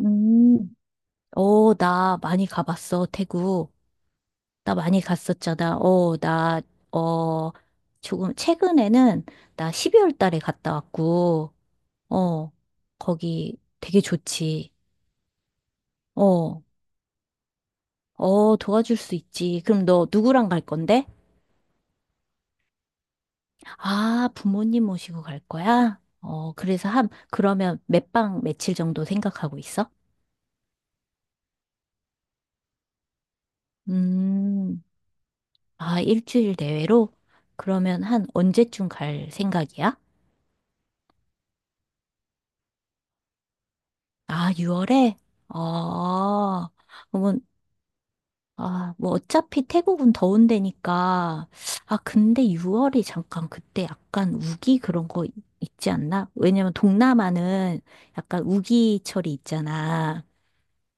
음, 나 많이 가봤어, 태국. 나 많이 갔었잖아. 어, 조금, 최근에는 나 12월 달에 갔다 왔고, 어, 거기 되게 좋지. 어, 도와줄 수 있지. 그럼 너 누구랑 갈 건데? 아, 부모님 모시고 갈 거야? 그래서 그러면 몇 박 며칠 정도 생각하고 있어? 음, 아, 일주일 내외로? 그러면 한 언제쯤 갈 생각이야? 아, 6월에? 아, 그러면, 아, 뭐, 어차피 태국은 더운 데니까. 아, 근데 6월이 잠깐 그때 약간 우기 그런 거 있지 않나? 왜냐면 동남아는 약간 우기철이 있잖아.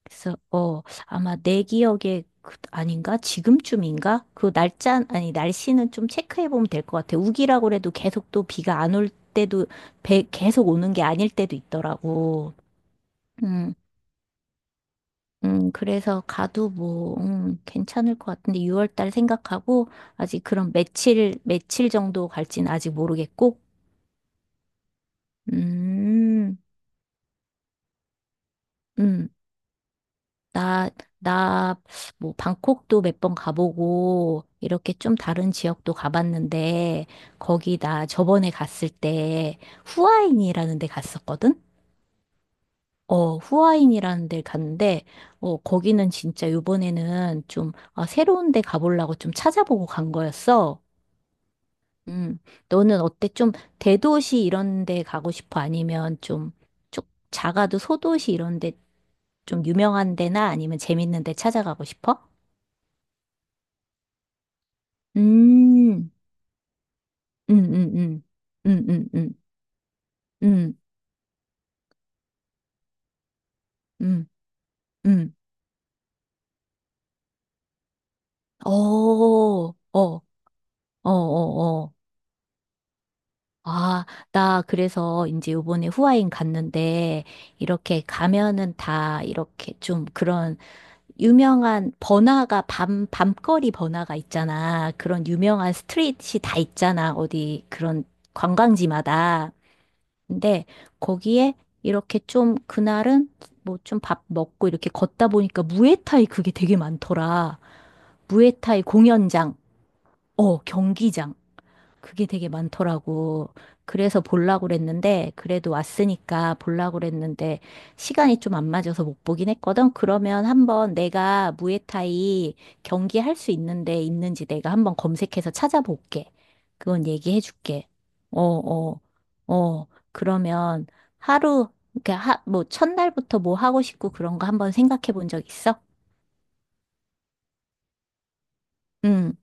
그래서, 아마 내 기억에 아닌가? 지금쯤인가? 그 날짜, 아니, 날씨는 좀 체크해보면 될 것 같아. 우기라고 해도 계속 또 비가 안 올 때도, 계속 오는 게 아닐 때도 있더라고. 음. 그래서 가도 뭐, 괜찮을 것 같은데 6월 달 생각하고 아직 그런 며칠 정도 갈지는 아직 모르겠고, 음, 음, 나, 나, 뭐, 방콕도 몇 번 가보고, 이렇게 좀 다른 지역도 가봤는데, 거기 나 저번에 갔을 때 후아인이라는 데 갔었거든? 후아인이라는 데 갔는데, 거기는 진짜 요번에는 좀, 아, 새로운 데 가보려고 좀 찾아보고 간 거였어. 음, 너는 어때? 좀 대도시 이런 데 가고 싶어? 아니면 좀, 쭉 작아도 소도시 이런 데 좀 유명한 데나 아니면 재밌는 데 찾아가고 싶어? 음, 음, 음, 음, 음, 음, 음, 음, 음, 음. 어, 어, 어, 어, 어. 아, 나 그래서 이제 요번에 후아인 갔는데 이렇게 가면은 다 이렇게 좀 그런 유명한 번화가, 밤거리 번화가 있잖아. 그런 유명한 스트릿이 다 있잖아. 어디 그런 관광지마다. 근데 거기에 이렇게 좀 그날은 뭐 좀 밥 먹고 이렇게 걷다 보니까 무에타이 그게 되게 많더라. 무에타이 공연장, 경기장. 그게 되게 많더라고. 그래서 보려고 그랬는데, 그래도 왔으니까 보려고 그랬는데, 시간이 좀 안 맞아서 못 보긴 했거든. 그러면 한번 내가 무에타이 경기 할 수 있는데 있는지 내가 한번 검색해서 찾아볼게. 그건 얘기해 줄게. 어, 어, 어. 그러면 하루, 그러니까 뭐 첫날부터 뭐 하고 싶고 그런 거 한번 생각해 본 적 있어? 응.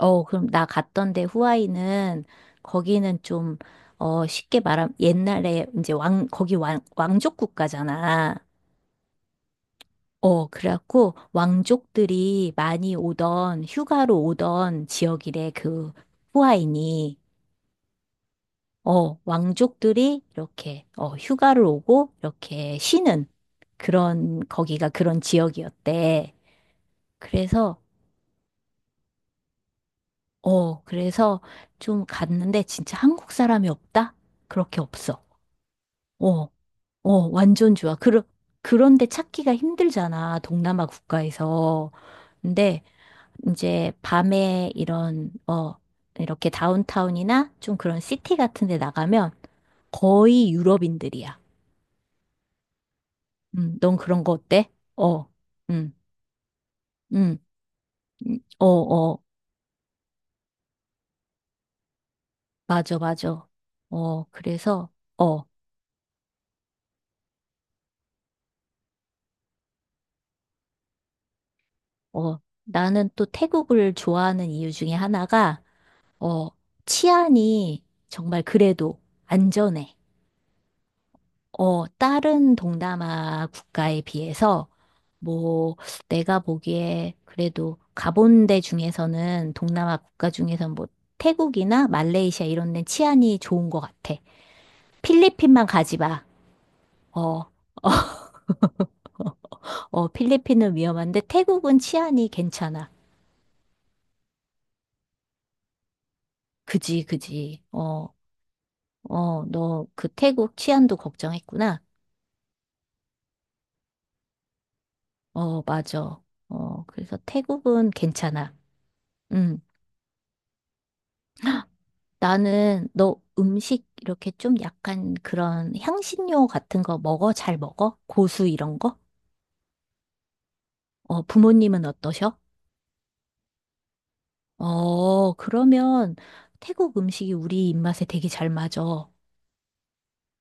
그럼 나 갔던 데 후아이는 거기는 좀, 쉽게 말하면 옛날에 이제 왕족 국가잖아. 그래갖고 왕족들이 많이 오던 휴가로 오던 지역이래, 그 후아인이. 왕족들이 이렇게, 휴가를 오고 이렇게 쉬는 그런, 거기가 그런 지역이었대. 그래서, 그래서 좀 갔는데 진짜 한국 사람이 없다? 그렇게 없어. 어. 완전 좋아. 그런데 찾기가 힘들잖아, 동남아 국가에서. 근데 이제 밤에 이런, 이렇게 다운타운이나 좀 그런 시티 같은 데 나가면 거의 유럽인들이야. 넌 그런 거 어때? 어, 음, 음, 음, 어, 어, 맞아, 맞아. 그래서, 어, 어, 나는 또 태국을 좋아하는 이유 중에 하나가, 어, 치안이 정말 그래도 안전해. 다른 동남아 국가에 비해서, 뭐, 내가 보기에 그래도 가본 데 중에서는, 동남아 국가 중에서는 뭐, 태국이나 말레이시아 이런 데 치안이 좋은 것 같아. 필리핀만 가지 마. 어, 필리핀은 위험한데 태국은 치안이 괜찮아. 그지, 그지. 너 그 태국 치안도 걱정했구나. 맞아. 그래서 태국은 괜찮아. 음. 나는 너 음식 이렇게 좀 약간 그런 향신료 같은 거 먹어? 잘 먹어? 고수 이런 거? 부모님은 어떠셔? 그러면 태국 음식이 우리 입맛에 되게 잘 맞아.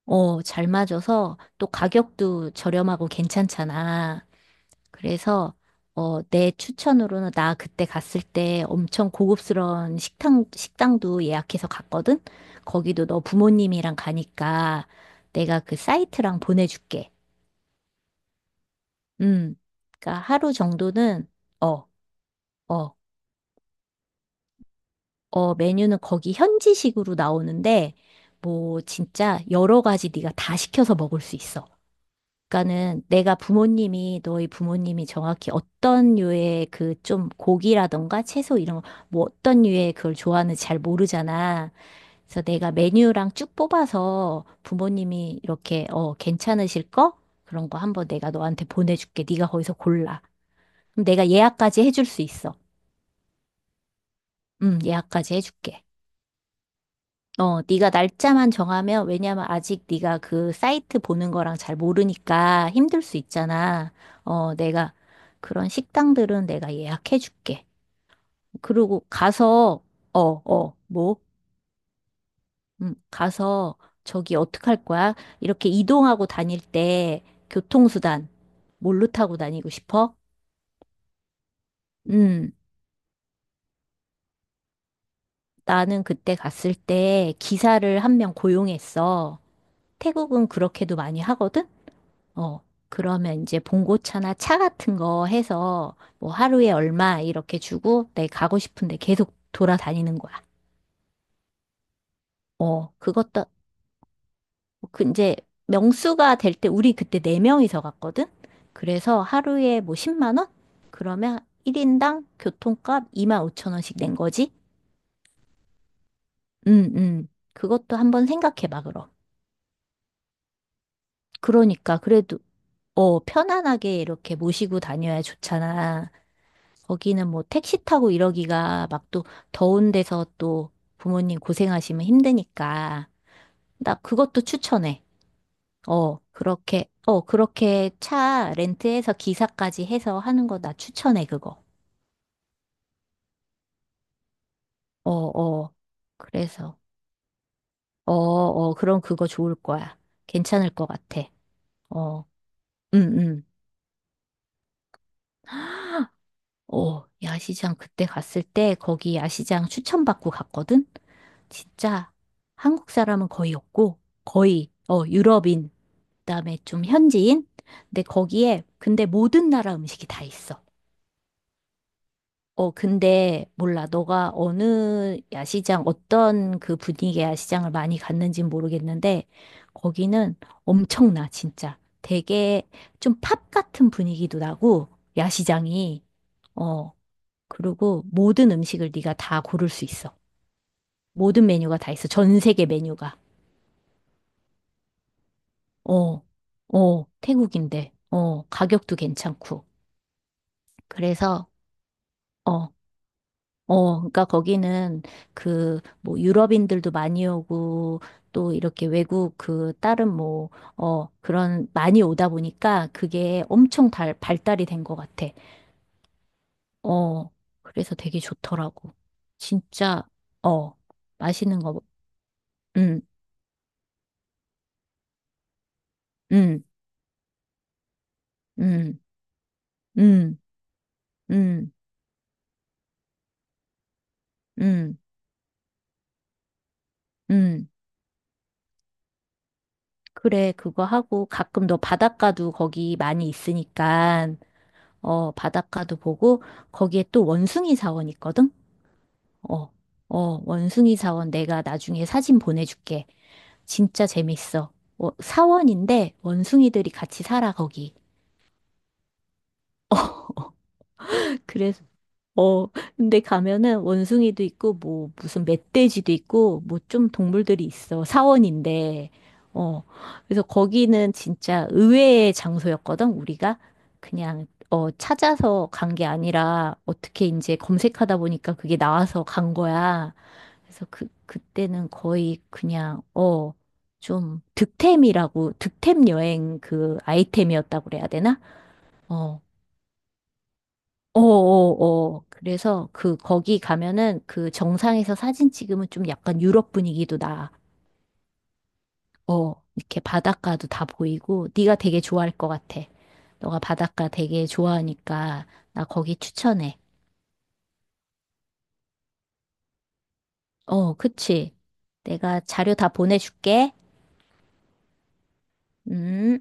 잘 맞아서 또 가격도 저렴하고 괜찮잖아. 그래서 내 추천으로는 나 그때 갔을 때 엄청 고급스러운 식당도 예약해서 갔거든. 거기도 너 부모님이랑 가니까 내가 그 사이트랑 보내줄게. 음. 그러니까 하루 정도는 어, 어, 메뉴는 거기 현지식으로 나오는데 뭐 진짜 여러 가지 네가 다 시켜서 먹을 수 있어. 그러니까는 내가 부모님이 너희 부모님이 정확히 어떤 류의 그 좀 고기라던가 채소 이런 거 뭐 어떤 류의 그걸 좋아하는지 잘 모르잖아. 그래서 내가 메뉴랑 쭉 뽑아서 부모님이 이렇게 괜찮으실 거 그런 거 한번 내가 너한테 보내줄게. 네가 거기서 골라. 그럼 내가 예약까지 해줄 수 있어. 예약까지 해줄게. 네가 날짜만 정하면 왜냐면 아직 네가 그 사이트 보는 거랑 잘 모르니까 힘들 수 있잖아. 내가 그런 식당들은 내가 예약해 줄게. 그리고 가서 뭐? 가서 저기 어떡할 거야? 이렇게 이동하고 다닐 때 교통수단 뭘로 타고 다니고 싶어? 음, 나는 그때 갔을 때 기사를 한 명 고용했어. 태국은 그렇게도 많이 하거든? 어, 그러면 이제 봉고차나 차 같은 거 해서 뭐 하루에 얼마 이렇게 주고 내 가고 싶은데 계속 돌아다니는 거야. 그것도 그 이제 명수가 될 때 우리 그때 네 명이서 갔거든. 그래서 하루에 뭐 10만 원? 그러면 1인당 교통값 2만 5천 원씩 낸 거지? 그것도 한번 생각해 봐, 그럼. 그러니까 그래도 편안하게 이렇게 모시고 다녀야 좋잖아. 거기는 뭐 택시 타고 이러기가 막 또 더운 데서 또 부모님 고생하시면 힘드니까. 나 그것도 추천해. 그렇게 차 렌트해서 기사까지 해서 하는 거 나 추천해, 그거. 어, 어. 그래서, 그럼 그거 좋을 거야. 괜찮을 것 같아. 어, 응, 응. 야시장 그때 갔을 때 거기 야시장 추천받고 갔거든? 진짜 한국 사람은 거의 없고 거의 유럽인 그다음에 좀 현지인 근데 거기에 근데 모든 나라 음식이 다 있어. 근데 몰라 너가 어느 야시장 어떤 그 분위기의 야시장을 많이 갔는진 모르겠는데 거기는 엄청나 진짜 되게 좀 팝 같은 분위기도 나고 야시장이 어 그리고 모든 음식을 네가 다 고를 수 있어. 모든 메뉴가 다 있어. 전 세계 메뉴가. 어, 태국인데, 가격도 괜찮고. 그래서, 어, 그러니까 거기는 그, 뭐, 유럽인들도 많이 오고, 또 이렇게 외국 그, 다른 뭐, 그런, 많이 오다 보니까 그게 엄청 발달이 된 것 같아. 어, 그래서 되게 좋더라고. 진짜, 어, 맛있는 거, 음, 음, 음, 음, 음, 음, 음. 그래, 그거 하고 가끔 너 바닷가도 거기 많이 있으니까, 바닷가도 보고 거기에 또 원숭이 사원 있거든? 어, 원숭이 사원 내가 나중에 사진 보내줄게. 진짜 재밌어. 사원인데 원숭이들이 같이 살아, 거기. 그래서 어, 근데 가면은 원숭이도 있고, 뭐, 무슨 멧돼지도 있고, 뭐 좀 동물들이 있어. 사원인데, 어, 그래서 거기는 진짜 의외의 장소였거든, 우리가. 그냥, 찾아서 간 게 아니라, 어떻게 이제 검색하다 보니까 그게 나와서 간 거야. 그래서 그때는 거의 그냥, 좀 득템이라고, 득템 여행 그 아이템이었다고 그래야 되나? 어. 어어어. 그래서 그 거기 가면은 그 정상에서 사진 찍으면 좀 약간 유럽 분위기도 나. 어. 이렇게 바닷가도 다 보이고 네가 되게 좋아할 것 같아. 너가 바닷가 되게 좋아하니까 나 거기 추천해. 그치. 내가 자료 다 보내줄게. 음.